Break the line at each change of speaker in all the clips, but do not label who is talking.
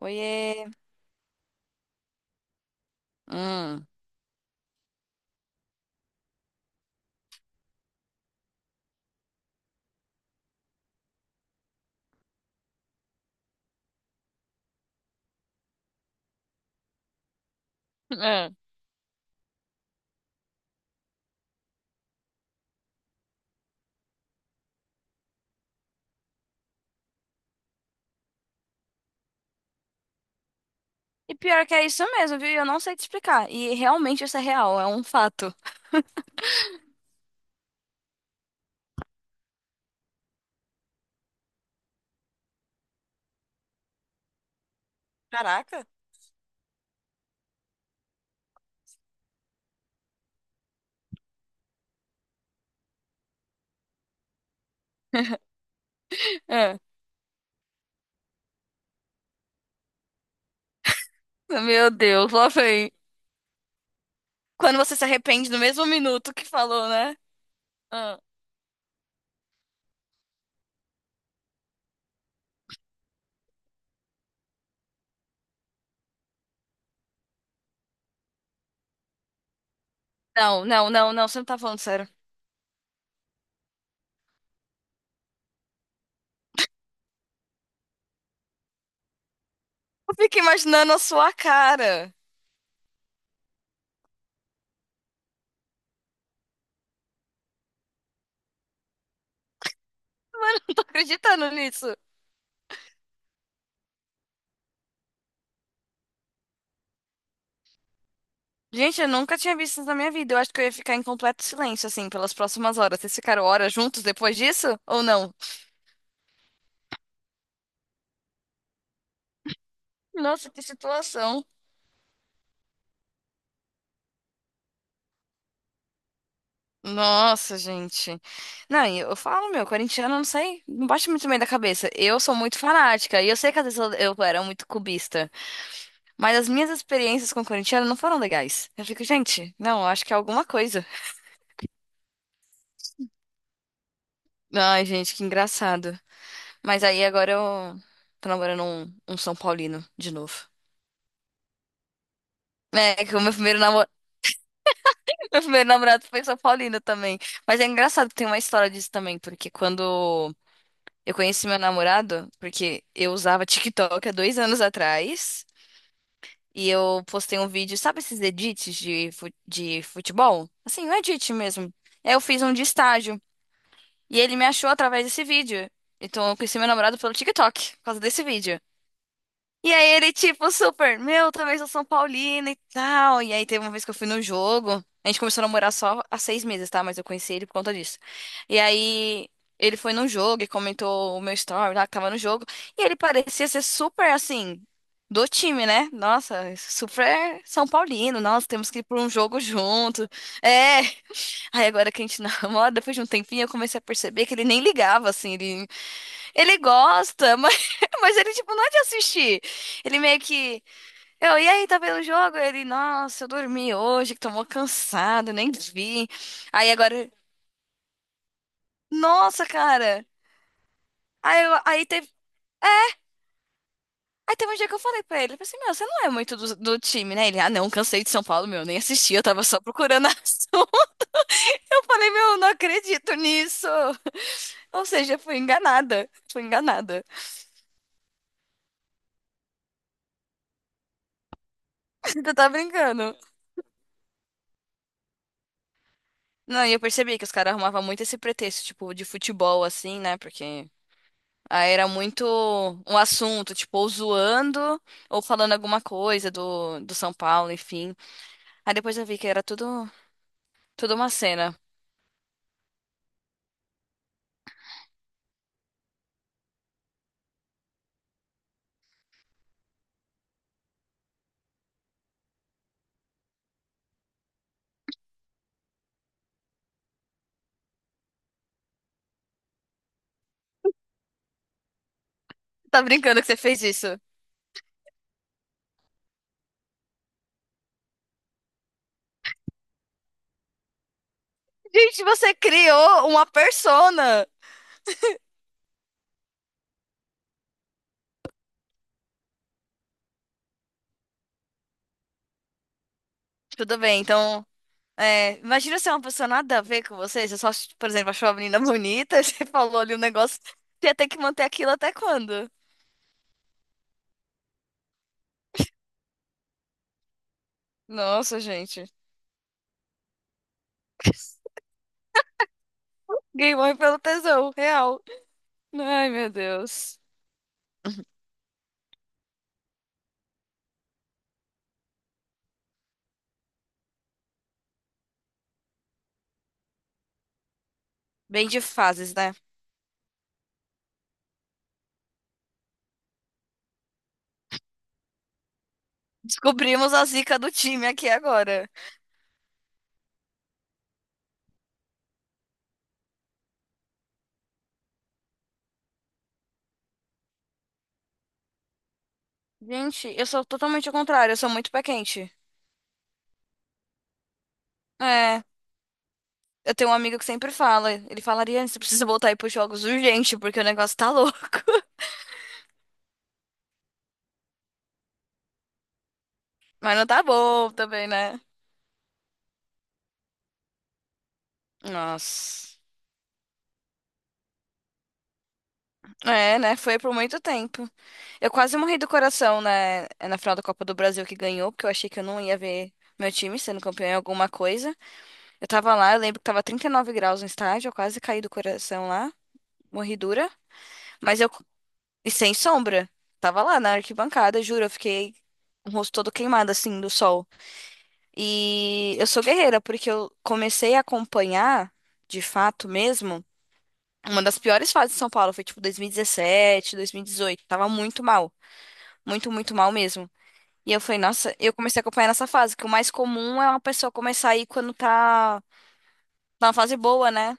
Oiê. Hum. Ah, E pior que é isso mesmo, viu? E Eu não sei te explicar. E realmente isso é real, é um fato. Caraca. É. Meu Deus, lá vem. Quando você se arrepende no mesmo minuto que falou, né? Ah. Não, não, não, não, você não tá falando sério. Eu fico imaginando a sua cara. Mano, eu não tô acreditando nisso. Gente, eu nunca tinha visto isso na minha vida. Eu acho que eu ia ficar em completo silêncio, assim, pelas próximas horas. Vocês ficaram horas juntos depois disso? Ou não? Nossa, que situação. Nossa, gente. Não, e eu falo, meu, corintiano, não sei, não bate muito bem da cabeça. Eu sou muito fanática, e eu sei que às vezes eu era muito cubista, mas as minhas experiências com corintiano não foram legais. Eu fico, gente, não, acho que é alguma coisa. Ai, gente, que engraçado. Mas aí agora eu tô namorando um São Paulino de novo. É, que o meu primeiro namorado, meu primeiro namorado foi São Paulino também. Mas é engraçado que tem uma história disso também, porque quando eu conheci meu namorado, porque eu usava TikTok há 2 anos atrás e eu postei um vídeo. Sabe esses edits de, de futebol? Assim, um edit mesmo. Aí eu fiz um de estágio e ele me achou através desse vídeo. Então eu conheci meu namorado pelo TikTok por causa desse vídeo. E aí ele, tipo, super, meu, talvez eu sou São Paulino e tal. E aí teve uma vez que eu fui no jogo. A gente começou a namorar só há 6 meses, tá? Mas eu conheci ele por conta disso. E aí ele foi num jogo e comentou o meu story lá que tava no jogo. E ele parecia ser super, assim, do time, né? Nossa, super São Paulino. Nossa, temos que ir pra um jogo junto. É. Aí agora que a gente namora, depois de um tempinho, eu comecei a perceber que ele nem ligava, assim. Ele ele gosta, mas, mas ele, tipo, não é de assistir. Ele meio que. Eu, e aí, tá vendo o jogo? Ele, nossa, eu dormi hoje, que tô mó cansado, nem vi. Aí agora, nossa, cara. Aí, eu- aí teve. Aí teve um dia que eu falei pra ele, eu falei assim, meu, você não é muito do, time, né? Ele, ah, não, cansei de São Paulo, meu, nem assisti, eu tava só procurando a ação. Eu falei, meu, eu não acredito nisso. Ou seja, fui enganada. Fui enganada. Você tá brincando. Não, e eu percebi que os caras arrumavam muito esse pretexto, tipo, de futebol, assim, né? Porque aí era muito um assunto, tipo, ou zoando ou falando alguma coisa do, São Paulo, enfim. Aí depois eu vi que era tudo uma cena. Tá brincando que você fez isso? Gente, você criou uma persona! Tudo bem, então. É, imagina se é uma pessoa nada a ver com você. Você só, por exemplo, achou a menina bonita, você falou ali um negócio. Você ia ter que manter aquilo até quando? Nossa, gente. Gay morre pelo tesão, real. Ai, meu Deus. Bem de fases, né? Descobrimos a zica do time aqui agora. Gente, eu sou totalmente ao contrário, eu sou muito pé quente. É, eu tenho um amigo que sempre fala, ele falaria, você precisa voltar aí pros jogos urgente, porque o negócio tá louco. Mas não tá bom também, né? Nossa. É, né? Foi por muito tempo. Eu quase morri do coração, né? É Na final da Copa do Brasil que ganhou, porque eu achei que eu não ia ver meu time sendo campeão em alguma coisa. Eu tava lá, eu lembro que tava 39 graus no estádio, eu quase caí do coração lá, morri dura, mas eu, e sem sombra, tava lá na arquibancada, juro, eu fiquei com o rosto todo queimado, assim, do sol. E eu sou guerreira, porque eu comecei a acompanhar, de fato mesmo, uma das piores fases de São Paulo, foi tipo 2017, 2018, tava muito mal, muito mal mesmo. E eu falei, nossa, eu comecei a acompanhar nessa fase, que o mais comum é uma pessoa começar a ir quando tá numa fase boa, né?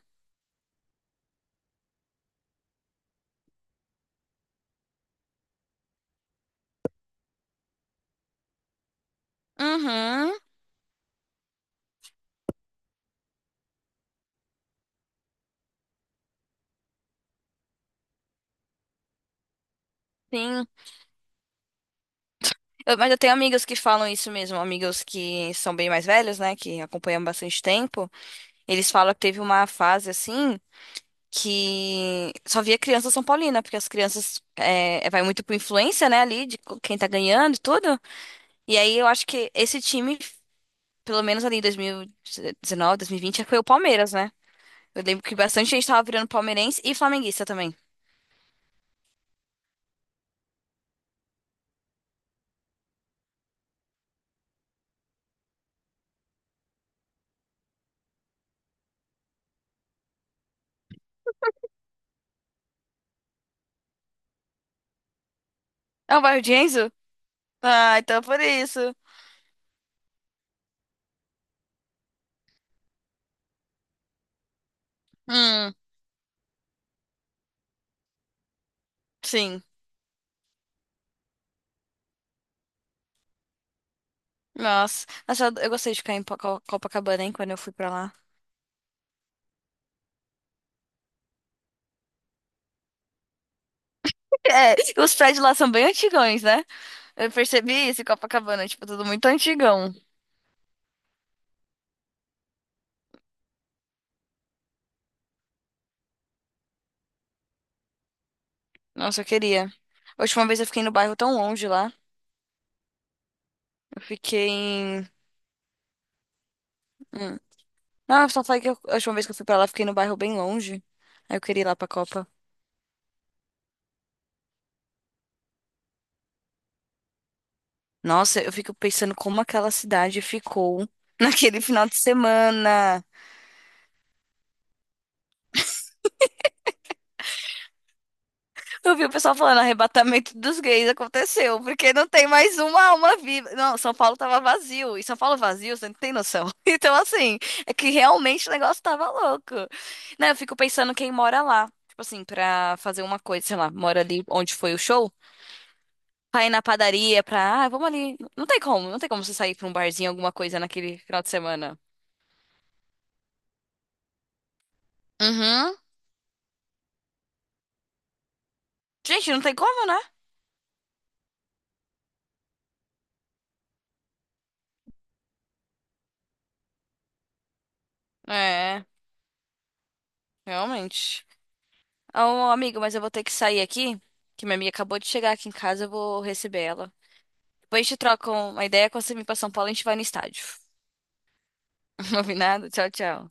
Uhum. Sim, Eu- mas eu tenho amigas que falam isso mesmo, amigas que são bem mais velhas, né, que acompanham bastante tempo. Eles falam que teve uma fase assim que só via criança São Paulina, porque as crianças é, vai muito por influência, né, ali de quem tá ganhando e tudo. E aí eu acho que esse time, pelo menos ali em 2019, 2020, foi o Palmeiras, né? Eu lembro que bastante gente tava virando palmeirense e flamenguista também. É o bairro de Enzo? Ah, então por isso. Hum, sim. Nossa, nossa, eu gostei de ficar em Copacabana, hein, quando eu fui pra lá. É, os prédios lá são bem antigões, né? Eu percebi isso em Copacabana, tipo, tudo muito antigão. Nossa, eu queria. A última vez eu fiquei no bairro tão longe lá. Eu fiquei em. Hum. Não, eu só falei que a última vez que eu fui pra lá, eu fiquei no bairro bem longe. Aí eu queria ir lá pra Copa. Nossa, eu fico pensando como aquela cidade ficou naquele final de semana. Eu vi o pessoal falando, arrebatamento dos gays aconteceu, porque não tem mais uma alma viva. Não, São Paulo tava vazio, e São Paulo vazio, você não tem noção. Então, assim, é que realmente o negócio tava louco. Né, eu fico pensando quem mora lá, tipo assim, pra fazer uma coisa, sei lá, mora ali onde foi o show, pra ir na padaria, pra, ah, vamos ali. Não tem como, não tem como você sair pra um barzinho, alguma coisa naquele final de semana. Uhum. Gente, não tem como, né? É, realmente. Ô, amigo, mas eu vou ter que sair aqui, que minha amiga acabou de chegar aqui em casa, eu vou receber ela. Depois a gente troca uma ideia, quando você vir pra São Paulo, a gente vai no estádio. Combinado? Tchau, tchau.